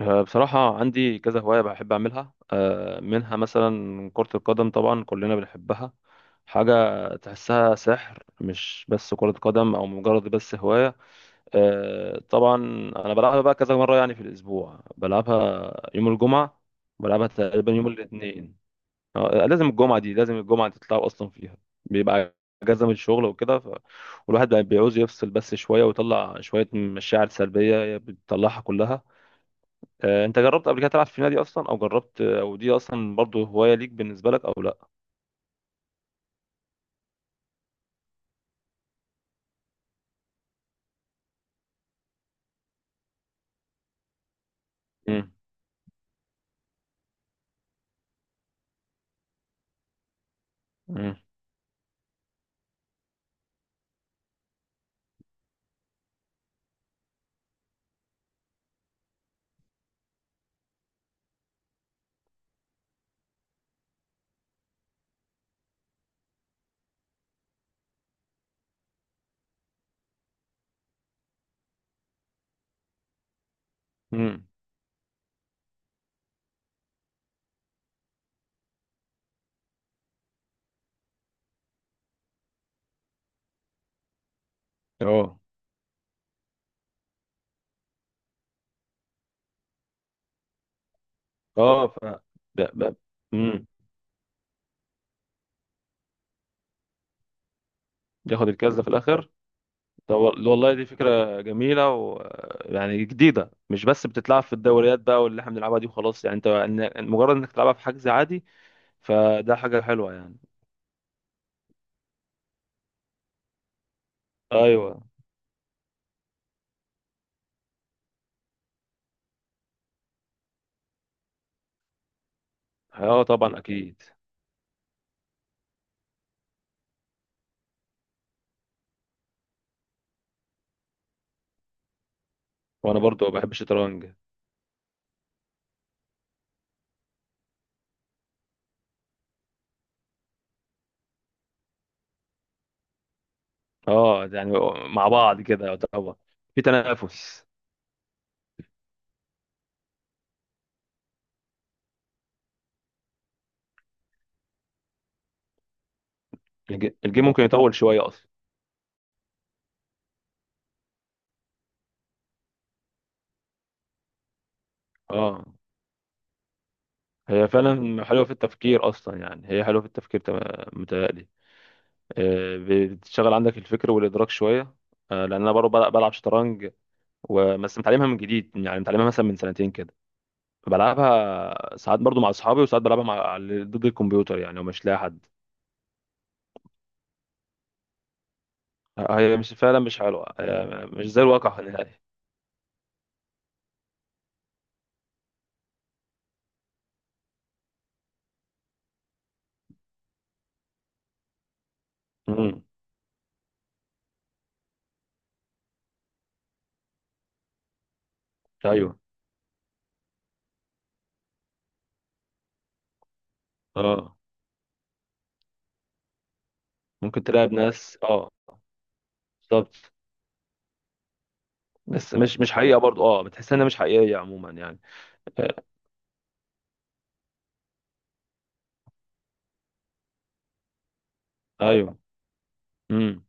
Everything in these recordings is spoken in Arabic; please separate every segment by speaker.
Speaker 1: آه، بصراحة عندي كذا هواية بحب أعملها، منها مثلا كرة القدم، طبعا كلنا بنحبها. حاجة تحسها سحر، مش بس كرة قدم أو مجرد بس هواية. آه، طبعا. أنا بلعبها بقى كذا مرة، يعني في الأسبوع بلعبها يوم الجمعة. بلعبها تقريبا يوم الاثنين. آه، لازم الجمعة دي، لازم الجمعة تتلعب أصلا فيها. بيبقى أجازة من الشغل وكده والواحد بقى بيعوز يفصل بس شوية، ويطلع شوية مشاعر سلبية بتطلعها كلها. انت جربت قبل كده تلعب في نادي اصلا، او جربت، او دي اصلا برضو هواية ليك بالنسبة لك او لا؟ امم. امم. امم. اه. اه. ب- ب- امم. ياخد الكاس ده في الاخر. ده وال- والله دي فكرة جميلة يعني جديدة، مش بس بتتلعب في الدوريات بقى واللي احنا بنلعبها دي وخلاص، يعني انت، مجرد انك تلعبها في حجز عادي، فده حاجة حلوة، يعني. ايوه. اه، طبعا، اكيد. وانا برضو بحب الشطرنج. اه، يعني مع بعض كده يعتبر في تنافس. الجيم ممكن يطول شوية أصلا. اه، هي فعلا حلوة في التفكير أصلا، يعني هي حلوة في التفكير، متهيألي. آه، بتشغل عندك الفكر والإدراك شوية. لأن أنا برضه بلعب شطرنج. وبس متعلمها من جديد، يعني متعلمها مثلا من سنتين كده. بلعبها ساعات برضه مع أصحابي، وساعات بلعبها مع ضد الكمبيوتر، يعني ومش لاقي حد. هي مش فعلا مش حلوة، مش زي الواقع نهائي. امم. أيوه. اه، ممكن تلاعب ناس، اه. بالظبط. بس مش حقيقة برضه، اه، بتحس إنها مش حقيقية عموما، يعني. ايوه. امم.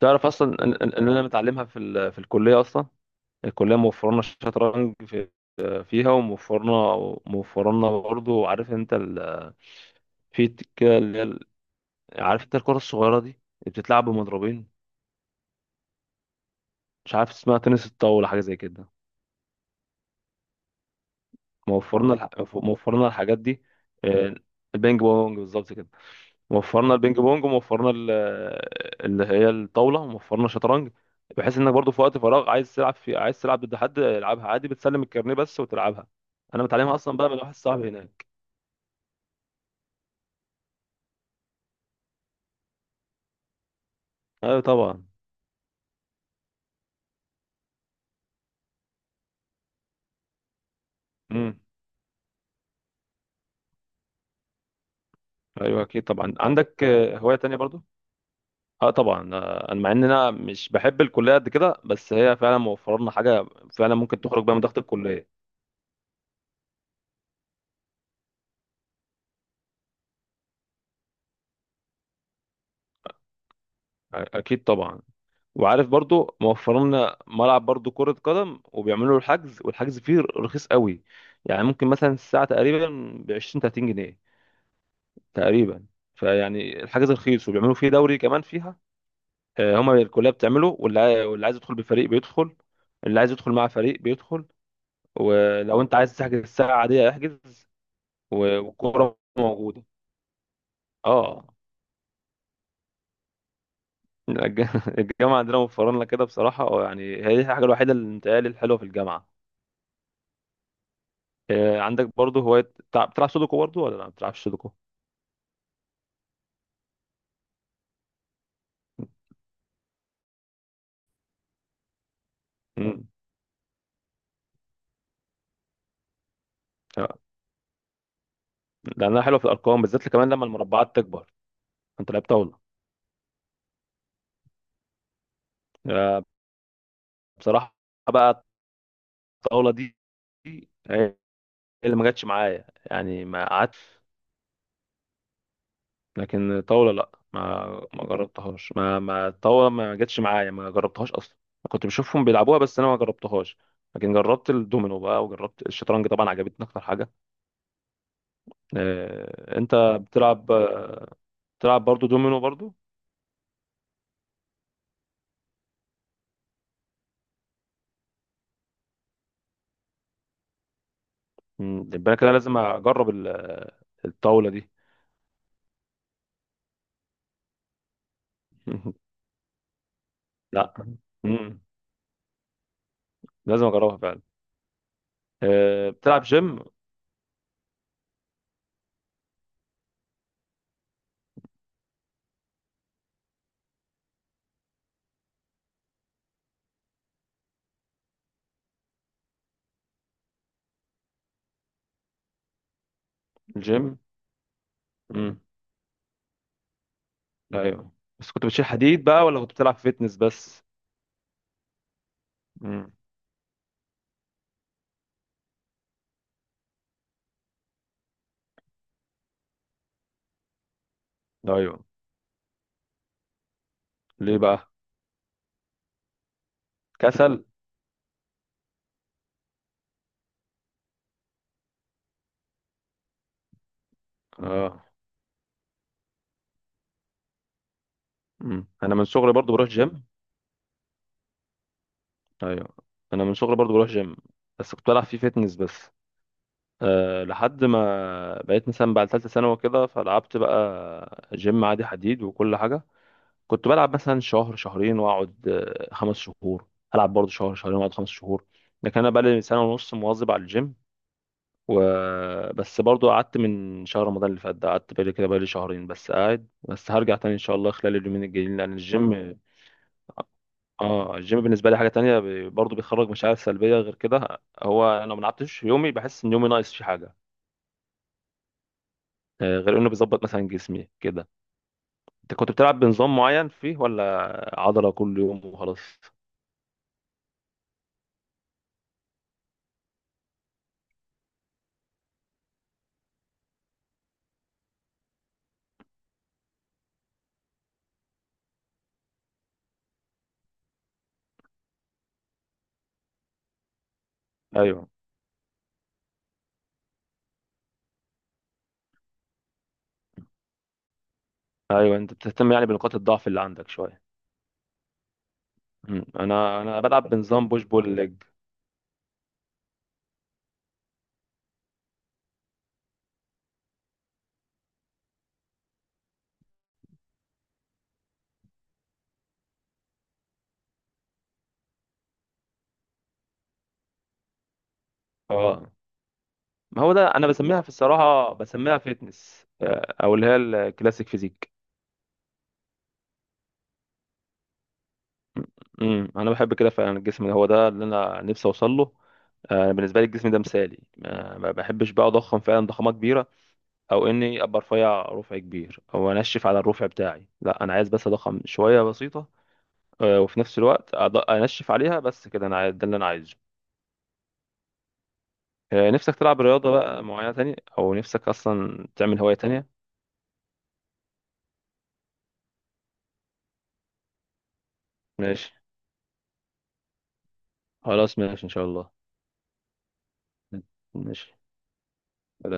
Speaker 1: تعرف اصلا ان إن- إن انا متعلمها في في الكليه اصلا. الكليه موفره لنا الشطرنج فيها، وموفرنا، موفر لنا برضه، عارف انت كده اللي هي عارف انت الكره الصغيره دي اللي بتتلعب بمضربين، مش عارف اسمها، تنس الطاوله حاجه زي كده. موفرنا الح... موفرنا الحاجات دي. آه، البينج بونج بالظبط كده. وفرنا البينج بونج، وموفرنا اللي هي الطاوله، وموفرنا الشطرنج. بحيث انك برضو في وقت فراغ، عايز تلعب ضد حد، العبها عادي، بتسلم الكارنيه بس وتلعبها. انا متعلمها اصلا بقى من واحد صاحبي هناك. ايوه، طبعا. امم. ايوه، اكيد، طبعا. عندك هوايه تانية برضو؟ اه، طبعا. انا مع ان انا مش بحب الكليه قد كده، بس هي فعلا موفر لنا حاجه. فعلا، ممكن تخرج بيها من ضغط الكليه. اكيد طبعا. وعارف برضو، موفرين لنا ملعب برضو كرة قدم، وبيعملوا الحجز، والحجز فيه رخيص قوي. يعني ممكن مثلا الساعة تقريبا ب 20 30 جنيه تقريبا. فيعني الحجز رخيص، وبيعملوا فيه دوري كمان فيها. هما الكلية بتعمله، واللي واللي عايز يدخل بفريق بيدخل. اللي عايز يدخل مع فريق بيدخل. ولو انت عايز تحجز الساعة عادية احجز. والكورة موجودة. اه. الج- الجامعة عندنا موفرين لنا كده بصراحة، يعني هي دي الحاجة الوحيدة اللي متهيألي الحلوة في الجامعة. عندك برضه هواية بتلعب سودوكو برضه، ولا لا ما بتلعبش سودوكو؟ امم. آه، لأنها حلوة في الأرقام بالذات، كمان لما المربعات تكبر. أنت لعبت طاولة؟ آه، بصراحة بقى، الطاولة دي هي اللي ما جاتش معايا، يعني ما قعدت. لكن طاولة، لا، ما جربتهاش. ما ما الطاولة ما جاتش معايا، ما جربتهاش أصلا. كنت بشوفهم بيلعبوها بس أنا ما جربتهاش. لكن جربت الدومينو بقى، وجربت الشطرنج طبعا، عجبتني أكتر حاجة. أنت بتلعب برضه دومينو برضه؟ مم. يبقى انا كده لازم اجرب الطاوله دي. لا. مم. لازم اجربها فعلا. أه. بتلعب جيم؟ الجيم. مم. ايوه. بس كنت بتشيل حديد بقى، ولا كنت بتلعب فيتنس بس؟ مم. ايوه. ليه بقى؟ كسل؟ اه. مم. انا من صغري برضو بروح جيم. ايوه. انا من صغري برضو بروح جيم. بس كنت بلعب فيه فيتنس بس. أه، لحد ما بقيت مثلا بعد ثالثه ثانوي كده، فلعبت بقى جيم عادي حديد وكل حاجه. كنت بلعب مثلا شهر شهرين، واقعد 5 شهور. هلعب برضه شهر شهرين، واقعد 5 شهور. لكن انا بقالي سنه ونص مواظب على الجيم و... بس برضه قعدت من شهر رمضان اللي فات ده، قعدت بقالي كده، بقالي شهرين بس قاعد، بس هرجع تاني ان شاء الله خلال اليومين الجايين، لان الجيم، اه، الجيم بالنسبه لي حاجه تانية، برضه بيخرج مشاعر سلبيه غير كده. هو انا لو ما لعبتش يومي، بحس ان يومي ناقص في حاجه. غير انه بيظبط مثلا جسمي كده. انت كنت بتلعب بنظام معين فيه، ولا عضله كل يوم وخلاص؟ ايوه. ايوه، انت بتهتم يعني بنقاط الضعف اللي عندك شويه. مم. انا بلعب بنظام بوش بول ليج. اه. ما هو ده انا بسميها في الصراحه، بسميها فيتنس، او اللي هي الكلاسيك فيزيك. امم. انا بحب كده فعلا، الجسم ده هو ده اللي انا نفسي اوصل له. بالنسبه لي الجسم ده مثالي، ما بحبش بقى اضخم فعلا ضخامه كبيره. او اني ابقى رفيع رفع كبير، او انشف على الرفع بتاعي، لا انا عايز بس اضخم شويه بسيطه. وفي نفس الوقت، انشف عليها بس كده، ده اللي انا عايزه. نفسك تلعب رياضة بقى معينة تانية، أو نفسك أصلا تعمل هواية تانية؟ ماشي. خلاص، ماشي إن شاء الله. ماشي.